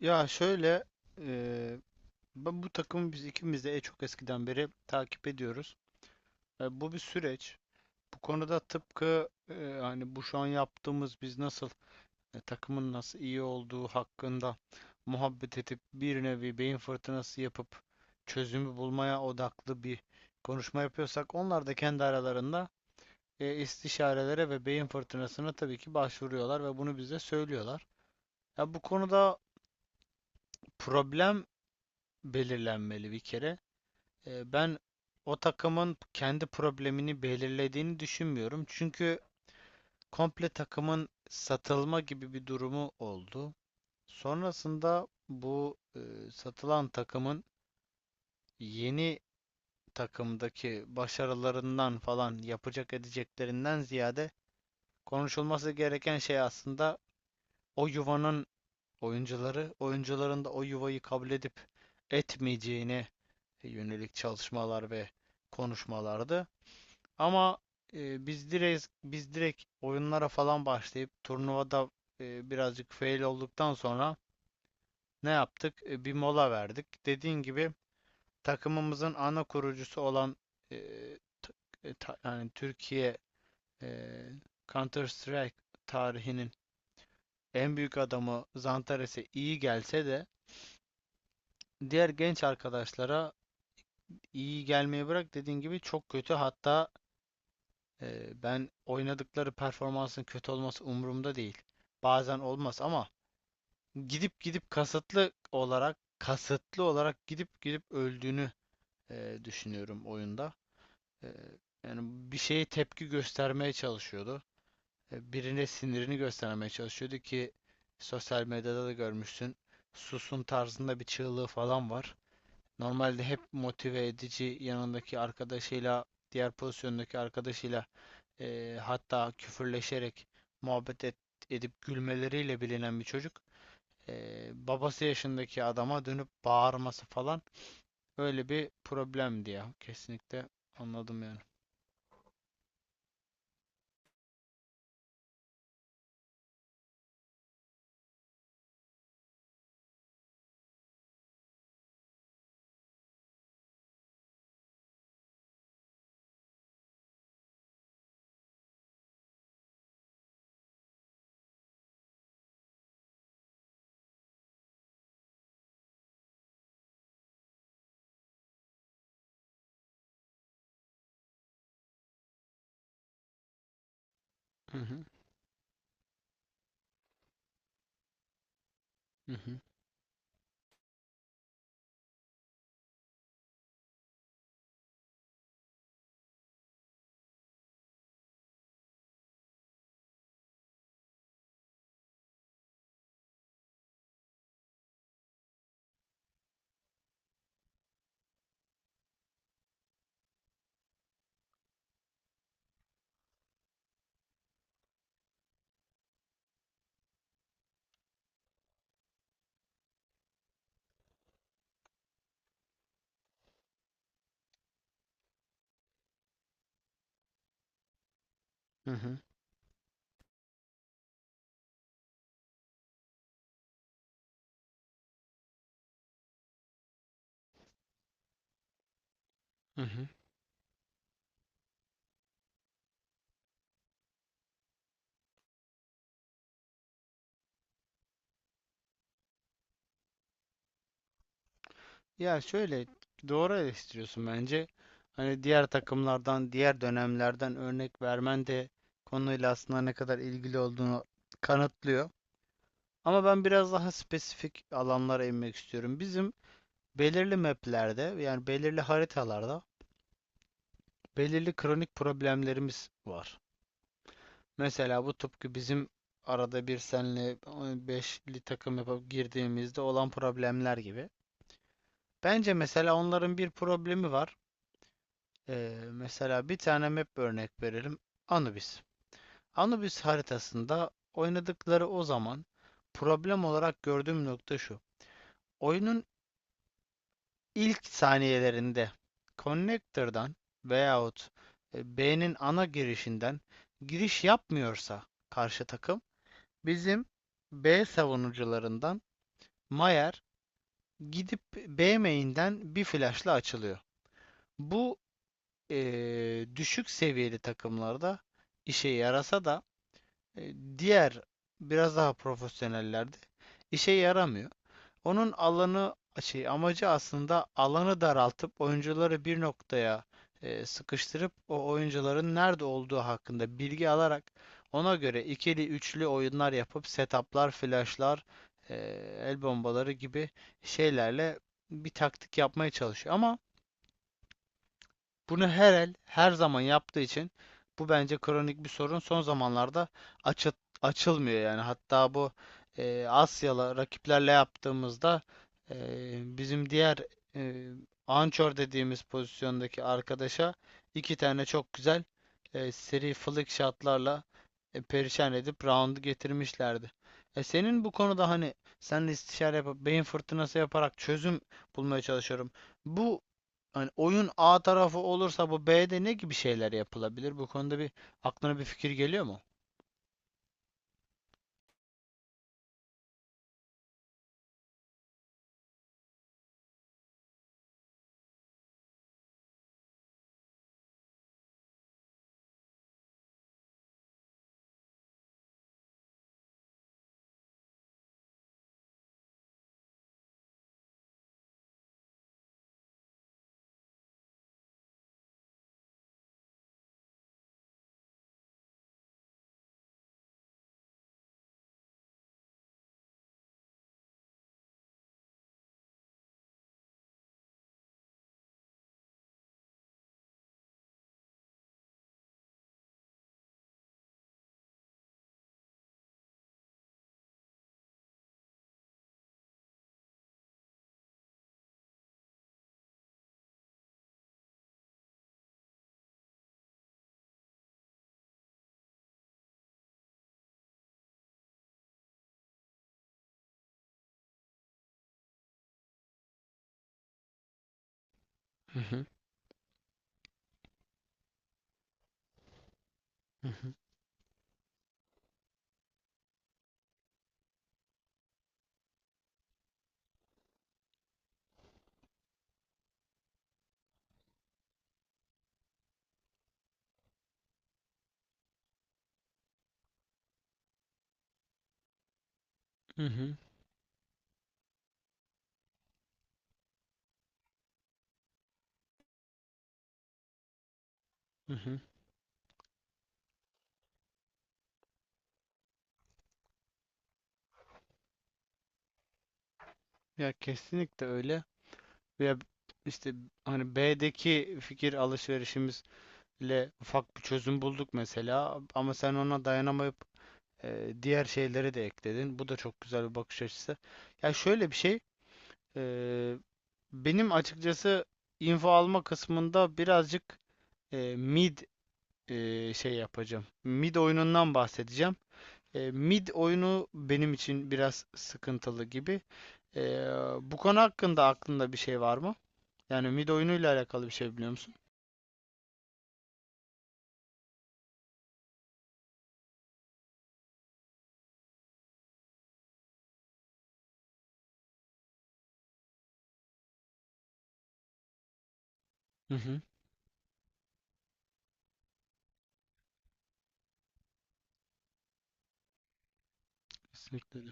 Ya şöyle eee, ben bu takımı biz ikimiz de çok eskiden beri takip ediyoruz. Bu bir süreç. Bu konuda tıpkı hani bu şu an yaptığımız biz nasıl takımın nasıl iyi olduğu hakkında muhabbet edip bir nevi beyin fırtınası yapıp çözümü bulmaya odaklı bir konuşma yapıyorsak onlar da kendi aralarında istişarelere ve beyin fırtınasına tabii ki başvuruyorlar ve bunu bize söylüyorlar. Ya bu konuda problem belirlenmeli bir kere. Ben o takımın kendi problemini belirlediğini düşünmüyorum. Çünkü komple takımın satılma gibi bir durumu oldu. Sonrasında bu satılan takımın yeni takımdaki başarılarından falan yapacak edeceklerinden ziyade konuşulması gereken şey aslında o yuvanın oyuncuları, oyuncuların da o yuvayı kabul edip etmeyeceğine yönelik çalışmalar ve konuşmalardı. Ama biz direkt oyunlara falan başlayıp turnuvada birazcık fail olduktan sonra ne yaptık? Bir mola verdik. Dediğin gibi takımımızın ana kurucusu olan e, t- yani Türkiye e, Counter Strike tarihinin en büyük adamı Zantares'e iyi gelse de diğer genç arkadaşlara iyi gelmeye bırak dediğin gibi çok kötü hatta. Ben oynadıkları performansın kötü olması umurumda değil. Bazen olmaz ama gidip gidip kasıtlı olarak gidip gidip öldüğünü düşünüyorum oyunda. Ee, Yani bir şeye tepki göstermeye çalışıyordu. Birine sinirini göstermeye çalışıyordu ki sosyal medyada da görmüşsün. Susun tarzında bir çığlığı falan var. Normalde hep motive edici yanındaki arkadaşıyla, diğer pozisyondaki arkadaşıyla hatta küfürleşerek muhabbet et- edip gülmeleriyle bilinen bir çocuk, babası yaşındaki adama dönüp bağırması falan öyle bir problemdi ya. Kesinlikle anladım yani. Hı hı, hı hı, hı hı, hı hı. Ya şöyle, doğru eleştiriyorsun bence. Hani diğer takımlardan, diğer dönemlerden örnek vermen de konuyla aslında ne kadar ilgili olduğunu kanıtlıyor. Ama ben biraz daha spesifik alanlara inmek istiyorum. Bizim belirli maplerde yani belirli haritalarda belirli kronik problemlerimiz var. Mesela bu tıpkı bizim arada bir senle beşli takım yapıp girdiğimizde olan problemler gibi. Bence mesela onların bir problemi var. Mesela bir tane map örnek verelim. Anubis. Anubis haritasında oynadıkları o zaman problem olarak gördüğüm nokta şu. Oyunun ilk saniyelerinde connector'dan veyahut B'nin ana girişinden giriş yapmıyorsa karşı takım bizim B savunucularından Mayer gidip B main'den bir flash'la açılıyor. Bu e, düşük seviyeli takımlarda işe yarasa da diğer biraz daha profesyonellerde işe yaramıyor. Onun alanı şey amacı aslında alanı daraltıp oyuncuları bir noktaya sıkıştırıp o oyuncuların nerede olduğu hakkında bilgi alarak ona göre ikili üçlü oyunlar yapıp setuplar, flashlar, e, el bombaları gibi şeylerle bir taktik yapmaya çalışıyor. Ama bunu her el her zaman yaptığı için bu bence kronik bir sorun. Son zamanlarda açı- açılmıyor yani. Hatta bu Asyalı rakiplerle yaptığımızda e, bizim diğer e, anchor dediğimiz pozisyondaki arkadaşa iki tane çok güzel seri flick shotlarla perişan edip round'u getirmişlerdi. Senin bu konuda hani seninle istişare yapıp beyin fırtınası yaparak çözüm bulmaya çalışıyorum. Bu, hani oyun A tarafı olursa bu B'de ne gibi şeyler yapılabilir? Bu konuda bir aklına bir fikir geliyor mu? Hı hı, hı hı, hı hı, hı hı. Ya kesinlikle öyle. Ya işte hani B'deki fikir alışverişimizle ufak bir çözüm bulduk mesela ama sen ona dayanamayıp diğer şeyleri de ekledin. Bu da çok güzel bir bakış açısı. Ya şöyle bir şey, e, benim açıkçası info alma kısmında birazcık e, mid şey yapacağım. Mid oyunundan bahsedeceğim. Mid oyunu benim için biraz sıkıntılı gibi. E, Bu konu hakkında aklında bir şey var mı? Yani mid oyunuyla alakalı bir şey biliyor musun? Hı hı. Kesinlikle öyle.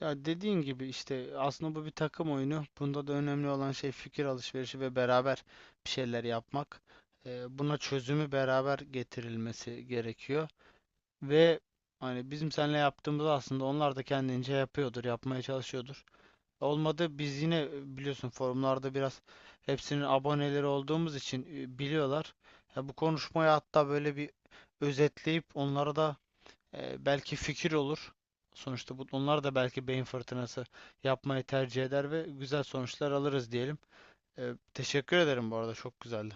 Ya dediğin gibi işte aslında bu bir takım oyunu. Bunda da önemli olan şey fikir alışverişi ve beraber bir şeyler yapmak. Buna çözümü beraber getirilmesi gerekiyor. Ve hani bizim seninle yaptığımız aslında onlar da kendince yapıyordur, yapmaya çalışıyordur. Olmadı biz yine biliyorsun forumlarda biraz hepsinin aboneleri olduğumuz için biliyorlar. Ya bu konuşmayı hatta böyle bir özetleyip onlara da belki fikir olur. Sonuçta bu, onlar da belki beyin fırtınası yapmayı tercih eder ve güzel sonuçlar alırız diyelim. Teşekkür ederim bu arada, çok güzeldi.